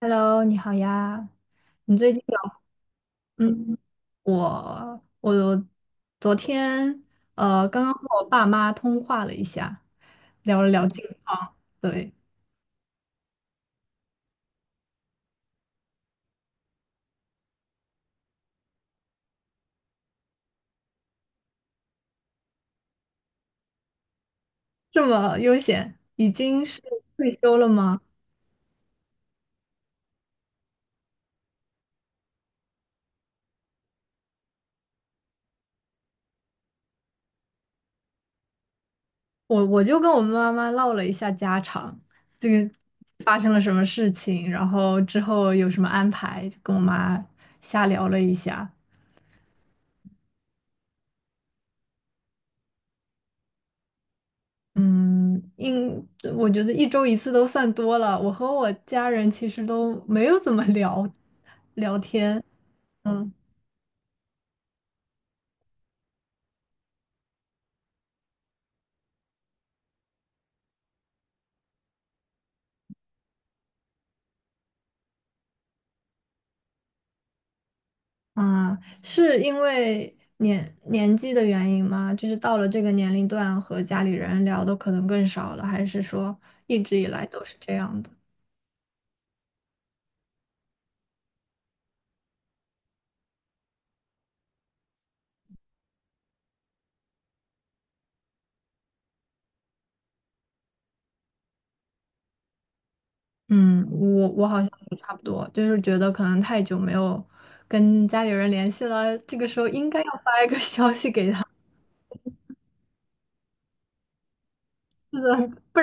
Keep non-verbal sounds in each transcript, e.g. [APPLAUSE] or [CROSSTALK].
Hello，你好呀。你最近有嗯，我昨天刚刚和我爸妈通话了一下，聊了聊近况。对，这么悠闲，已经是退休了吗？我就跟我妈妈唠了一下家常，这个发生了什么事情，然后之后有什么安排，就跟我妈瞎聊了一下。嗯，应，我觉得一周一次都算多了。我和我家人其实都没有怎么聊天。嗯。啊，是因为年纪的原因吗？就是到了这个年龄段，和家里人聊的可能更少了，还是说一直以来都是这样的？嗯，我好像也差不多，就是觉得可能太久没有跟家里人联系了，这个时候应该要发一个 [LAUGHS] 消息给他，是的。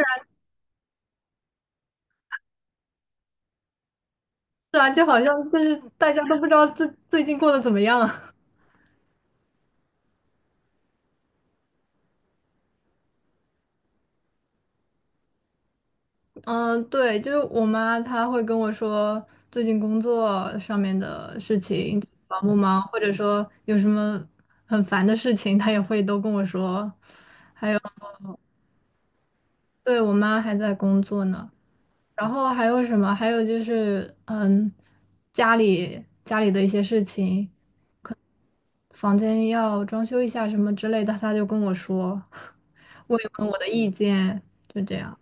是啊，就好像就是大家都不知道最近过得怎么样。[LAUGHS] 嗯，对，就是我妈她会跟我说最近工作上面的事情忙不忙，或者说有什么很烦的事情，她也会都跟我说。对，我妈还在工作呢，然后还有什么？还有就是家里的一些事情，房间要装修一下什么之类的，她就跟我说，[LAUGHS] 问一问我的意见，就这样。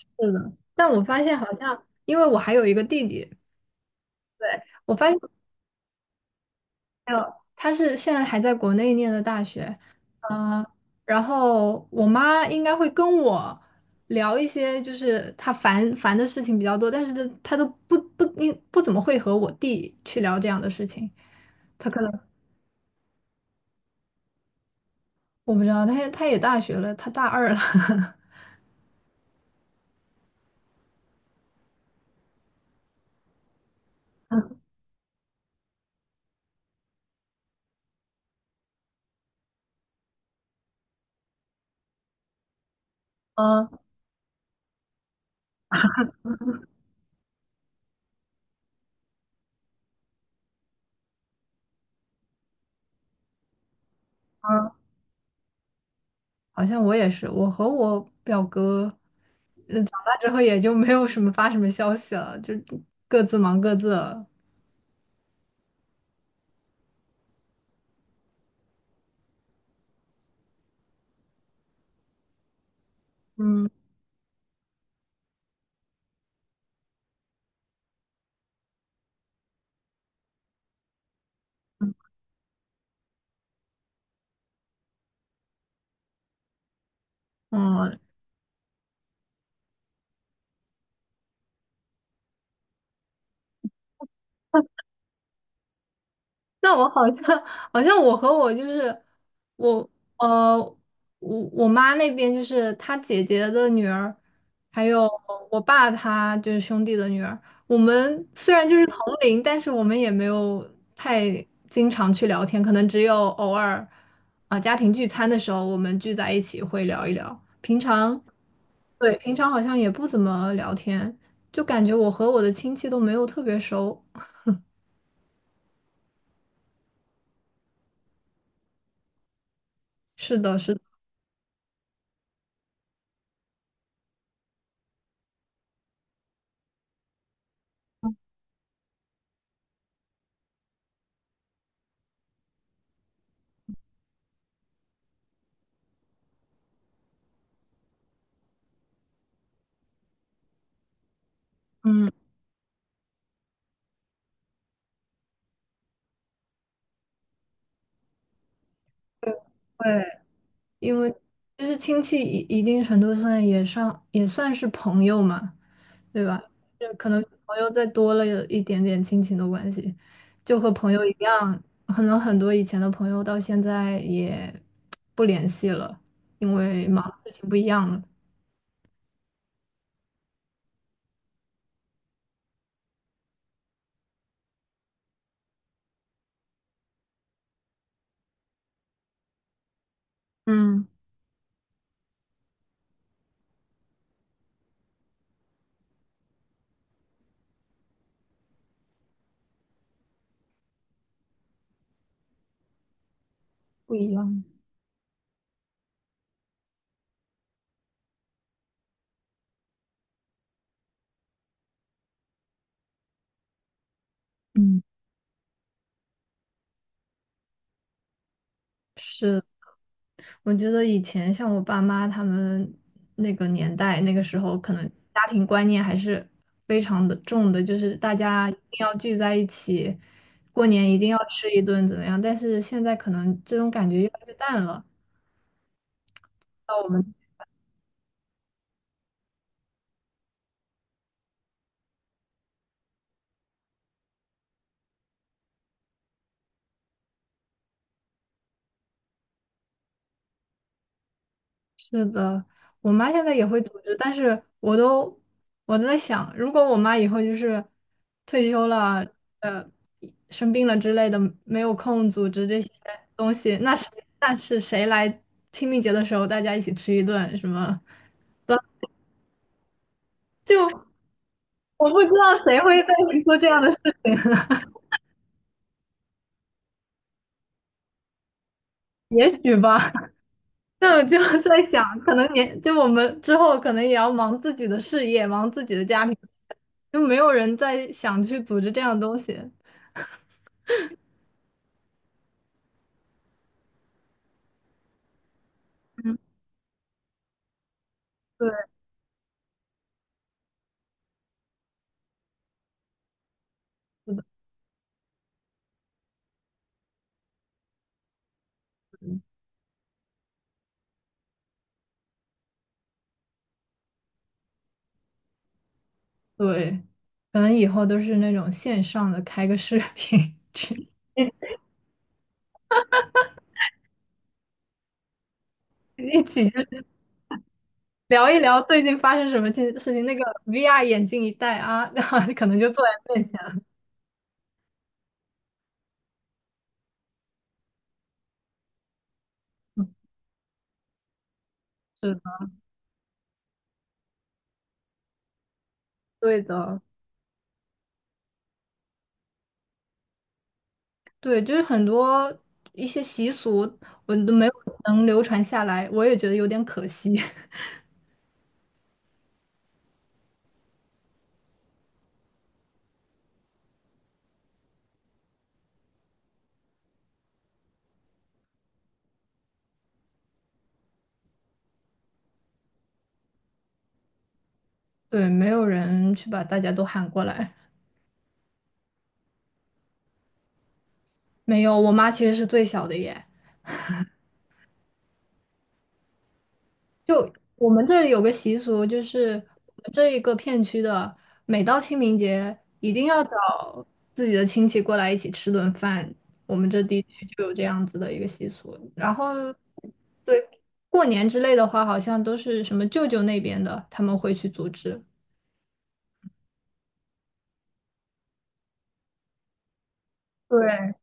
是的，但我发现好像，因为我还有一个弟弟，对，我发现还有他是现在还在国内念的大学，啊、然后我妈应该会跟我聊一些就是她烦的事情比较多，但是她都不怎么会和我弟去聊这样的事情，他可能我不知道，他也大学了，他大二了，[LAUGHS] 嗯嗯。好像我也是，我和我表哥。完之后也就没有什么发什么消息了，就各自忙各自了。嗯嗯，[LAUGHS] 那我好像好像我和我就是我呃我妈那边就是她姐姐的女儿，还有我爸他就是兄弟的女儿。我们虽然就是同龄，但是我们也没有太经常去聊天，可能只有偶尔家庭聚餐的时候我们聚在一起会聊一聊。对，平常好像也不怎么聊天，就感觉我和我的亲戚都没有特别熟。是的，是的，嗯。对，会因为就是亲戚一定程度上也算是朋友嘛，对吧？就可能朋友再多了有一点点亲情的关系，就和朋友一样，可能很多以前的朋友到现在也不联系了，因为忙的事情不一样了。嗯，不一样。嗯，是。我觉得以前像我爸妈他们那个年代，那个时候可能家庭观念还是非常的重的，就是大家一定要聚在一起，过年一定要吃一顿怎么样？但是现在可能这种感觉越来越淡了。到我们。是的，我妈现在也会组织，但是我都在想，如果我妈以后就是退休了，呃，生病了之类的，没有空组织这些东西，那是谁来清明节的时候大家一起吃一顿什么？就我不知道谁会再去做这样的事情。 [LAUGHS] 也许吧。那我就 [LAUGHS] 在想，可能年就我们之后可能也要忙自己的事业，忙自己的家庭，就没有人再想去组织这样的东西。对。对，可能以后都是那种线上的，开个视频，[LAUGHS] 去一起就是聊一聊最近发生什么件事情。那个 VR 眼镜一戴啊，[LAUGHS] 然后可能就坐在面前了。是的，对的。对，就是很多一些习俗，我都没有能流传下来，我也觉得有点可惜。[LAUGHS] 对，没有人去把大家都喊过来。没有，我妈其实是最小的耶。就我们这里有个习俗，就是我们这一个片区的，每到清明节一定要找自己的亲戚过来一起吃顿饭。我们这地区就有这样子的一个习俗。然后，对，过年之类的话，好像都是什么舅舅那边的，他们会去组织。对，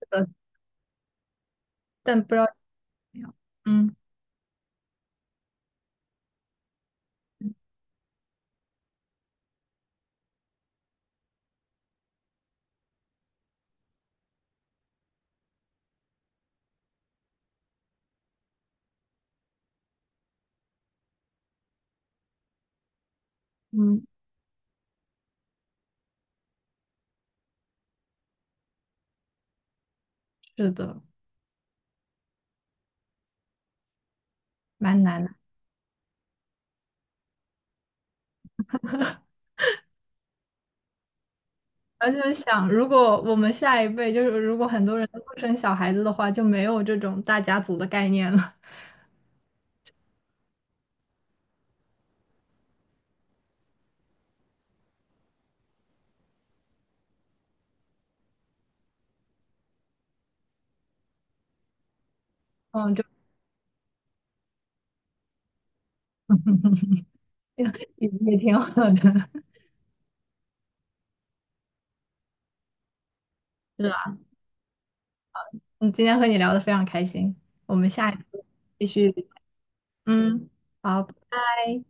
是的，但不知道怎么样。嗯嗯，是的，蛮难的。而且想，如果我们下一辈就是如果很多人都不生小孩子的话，就没有这种大家族的概念了。嗯，就 [LAUGHS] 也也挺好的，是吧？嗯，今天和你聊得非常开心，我们下一次继续。嗯，好，拜拜。